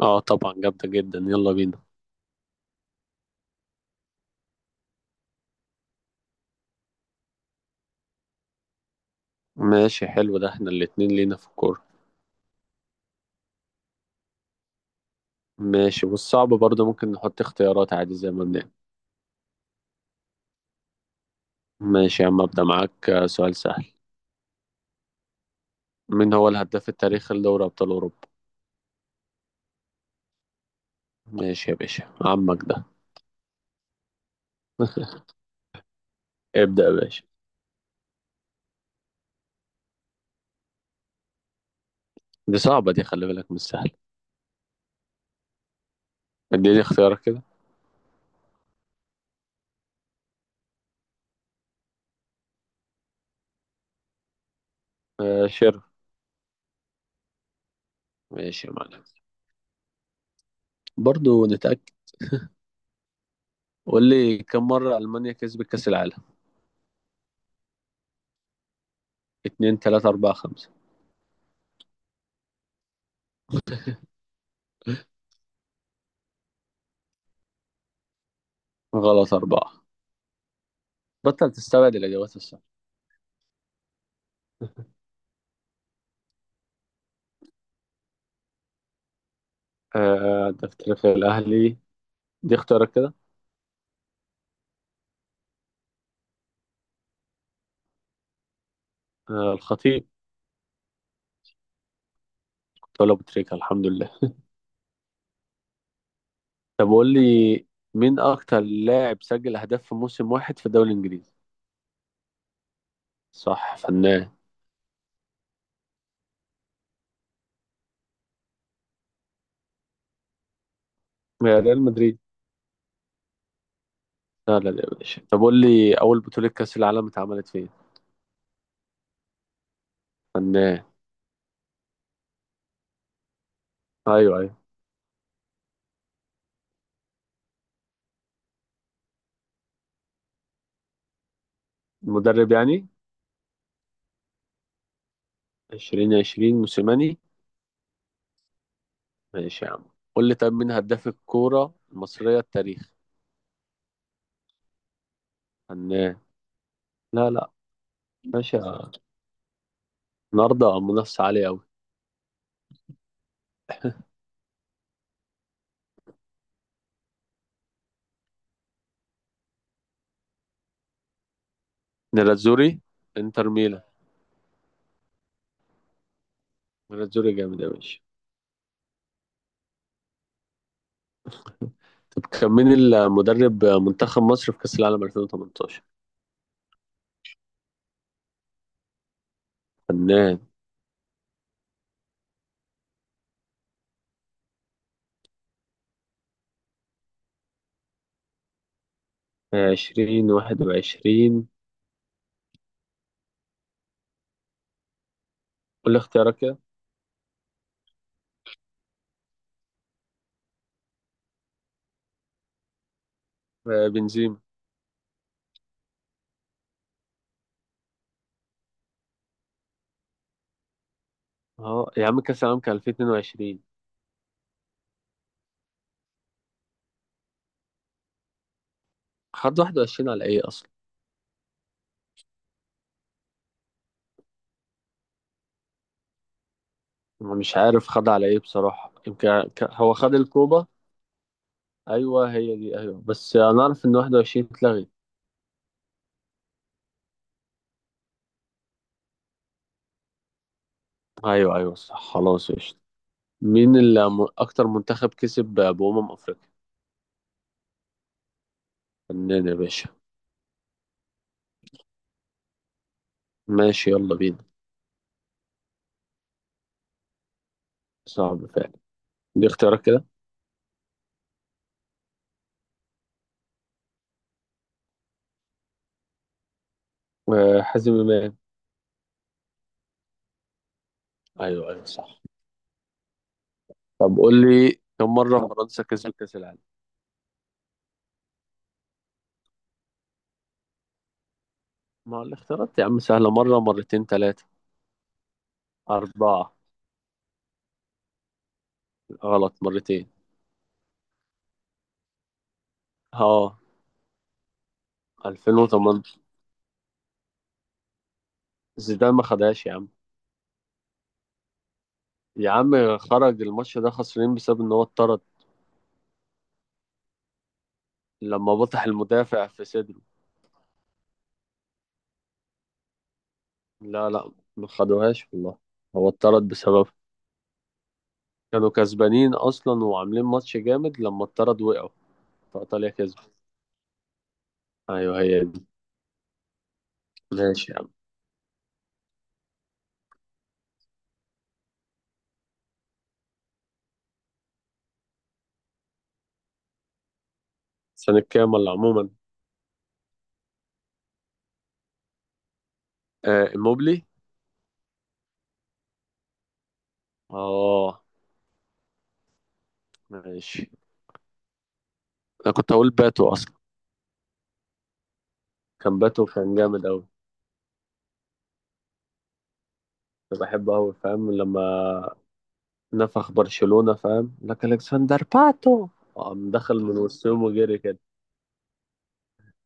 اه، طبعا جامدة جدا. يلا بينا. ماشي، حلو، ده احنا الاتنين لينا في الكورة. ماشي، والصعب برضه ممكن نحط اختيارات عادي زي ما بنعمل. ماشي يا عم، ابدأ معاك. سؤال سهل. مين هو الهداف التاريخي لدوري ابطال اوروبا؟ ماشي يا باشا، عمك ده. ابدأ يا باشا. دي صعبة دي، خلي بالك، مش سهلة. اديني اختيارك كده. آه، شير. ماشي يا معلم. برضه نتأكد. قول لي، كم مرة ألمانيا كسبت كأس العالم؟ اتنين، تلاتة، أربعة، خمسة؟ غلط، أربعة. بطل تستبعد الإجابات الصح. آه، ده في تاريخ الأهلي. دي اختيارك كده. آه، الخطيب. كنت أقول أبو تريكة، الحمد لله. طب قول لي، مين أكتر لاعب سجل أهداف في موسم واحد في الدوري الإنجليزي؟ صح، فنان. يا ريال مدريد. لا لا لا يا باشا، طب قول لي، أول بطولة كأس العالم اتعملت فين؟ فنان. أيوه، أيوه. المدرب يعني؟ 2020، موسيماني. ماشي يا عم. قول لي، طب مين هداف الكورة المصرية التاريخ؟ فنان. لا، لا. ماشي النهاردة منافسة عالية أوي. نيراتزوري. انتر ميلان. مناظوري جامد يا باشا. طب كان مين المدرب منتخب مصر في كأس العالم 2018؟ فنان. 20 21. كل اختيارك كده. آه، بنزيما. اه يا عم، كأس العالم كان 2022. خد 21 على ايه اصلا؟ أنا مش عارف خد على ايه بصراحة، يمكن هو خد الكوبا. ايوه هي دي، ايوه، بس انا اعرف ان 21 اتلغت. ايوه، ايوه، صح، خلاص، قشطة. مين اللي اكتر منتخب كسب بأمم افريقيا؟ فنان يا باشا. ماشي، يلا بينا. صعب فعلا. دي اختيارك كده. آه، حازم امام. ايوه، ايوه، صح. طب قول لي، كم مره فرنسا كسبت كاس العالم؟ ما الاختيارات يا عم سهله، مره، مرتين، ثلاثه، اربعه؟ غلط، مرتين. اه. 2018. زيدان ما خدهاش يا عم. يا عم خرج الماتش ده، خسرين بسبب ان هو اتطرد. لما بطح المدافع في صدره. لا، لا. ما خدوهاش والله. هو اتطرد بسبب. كانوا كسبانين اصلا وعاملين ماتش جامد، لما اتطرد وقعوا. فايطاليا كسبت. ايوه هي دي. ماشي يا عم. سنة كام ولا عموما؟ آه، موبلي. اه، ماشي. انا كنت هقول باتو اصلا. كان باتو كان جامد قوي. انا بحبه قوي، فاهم، لما نفخ برشلونة، فاهم لك، الكسندر باتو. قام دخل من وسطهم وجري كده.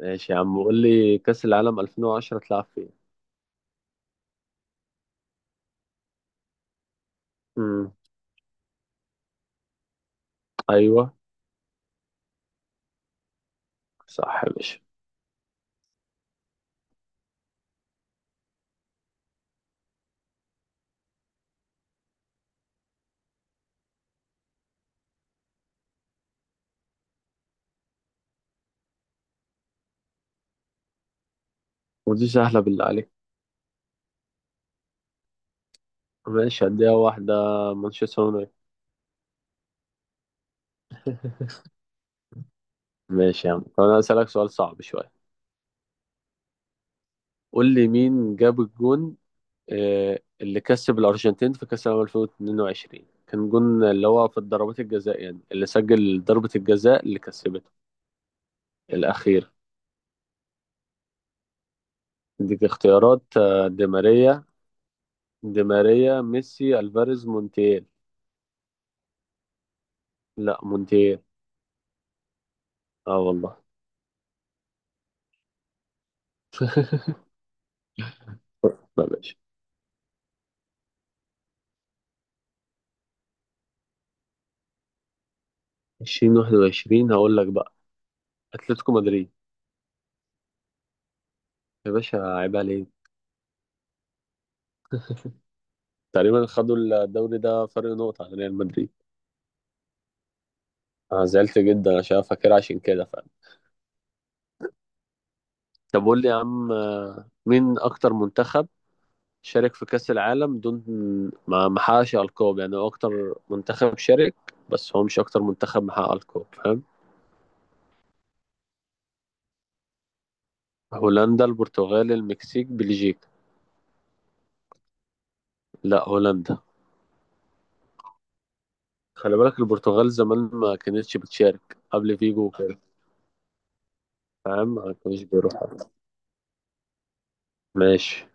ماشي يا عم، قول لي، كأس العالم 2010 تلعب فين؟ امم، ايوه. صح يا باشا. ودي سهلة بالله عليك. ماشي، هديها واحدة. مانشستر يونايتد. ماشي يا عم، طب انا هسألك سؤال صعب شوية. قول لي، مين جاب الجون؟ اللي كسب الأرجنتين في كأس العالم 2022 كان جون اللي هو في الضربات الجزاء، يعني اللي سجل ضربة الجزاء اللي كسبته الأخير. ديك اختيارات، دي ماريا. دي ماريا، ميسي، ألفاريز، مونتيل. لا، مونتيل. اه والله. لا، ماشي. 2021 هقول لك بقى. أتلتيكو مدريد. يا باشا، عيب عليك. تقريبا خدوا الدوري ده فرق نقطة عن ريال مدريد. أنا زعلت جدا عشان فاكر، عشان كده فعلا. طب قول لي يا عم، مين أكتر منتخب شارك في كأس العالم دون ما حققش ألقاب، يعني هو أكتر منتخب شارك، بس هو مش أكتر منتخب محقق ألقاب، فاهم؟ هولندا، البرتغال، المكسيك، بلجيكا؟ لا، هولندا. خلي بالك، البرتغال زمان ما كانتش بتشارك قبل فيجو وكده. فاهم، ما كانش بيروح. ماشي.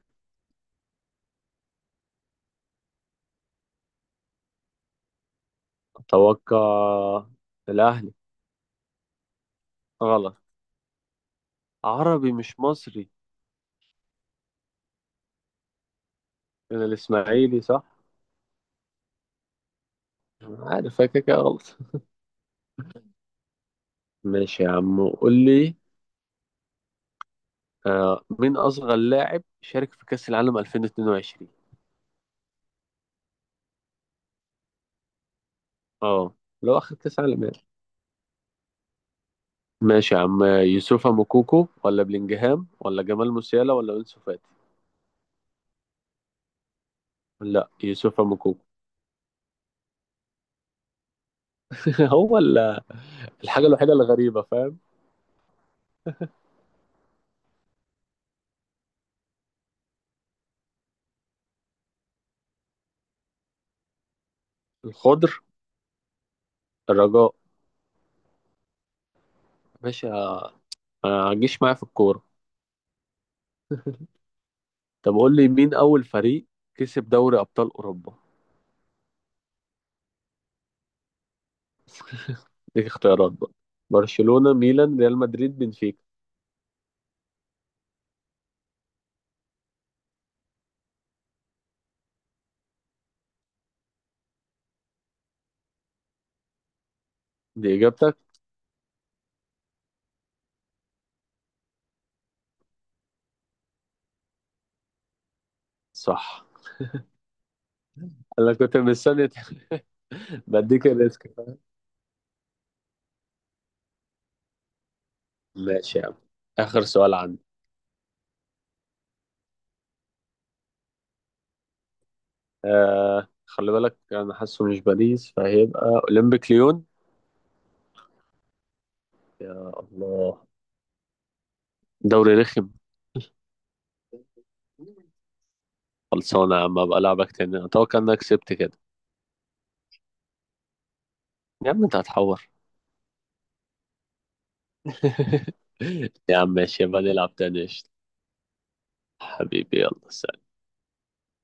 أتوقع الأهلي. غلط. عربي مش مصري. أنا الإسماعيلي صح؟ عارف كده كده غلط. ماشي يا عم، قول لي، مين أصغر لاعب شارك في كأس العالم 2022؟ اه. لو أخذ كأس عالم يعني. ماشي يا عم. يوسف موكوكو، ولا بلينجهام، ولا جمال موسيالا، ولا أنسو فاتي؟ لا، يوسف موكوكو. هو ال- الحاجة الوحيدة اللي غريبة، فاهم. الخضر. الرجاء. ماشي. ما تجيش معايا في الكورة. طب قول لي، مين أول فريق كسب دوري أبطال أوروبا؟ ديك اختيارات بقى. برشلونة، ميلان، ريال مدريد، بنفيكا؟ دي إجابتك؟ صح. أنا كنت مستني. بديك الريسك. ماشي يا عم. آخر سؤال عندي. خلي بالك أنا حاسه مش باريس، فهيبقى أولمبيك ليون. يا الله، دوري رخم. خلصانة يا عم، أبقى ألعبك تاني. أتوقع إنك كسبت كده. يا عم أنت هتحور. يا عم ماشي، يبقى نلعب تاني، قشطة. حبيبي، يلا سلام.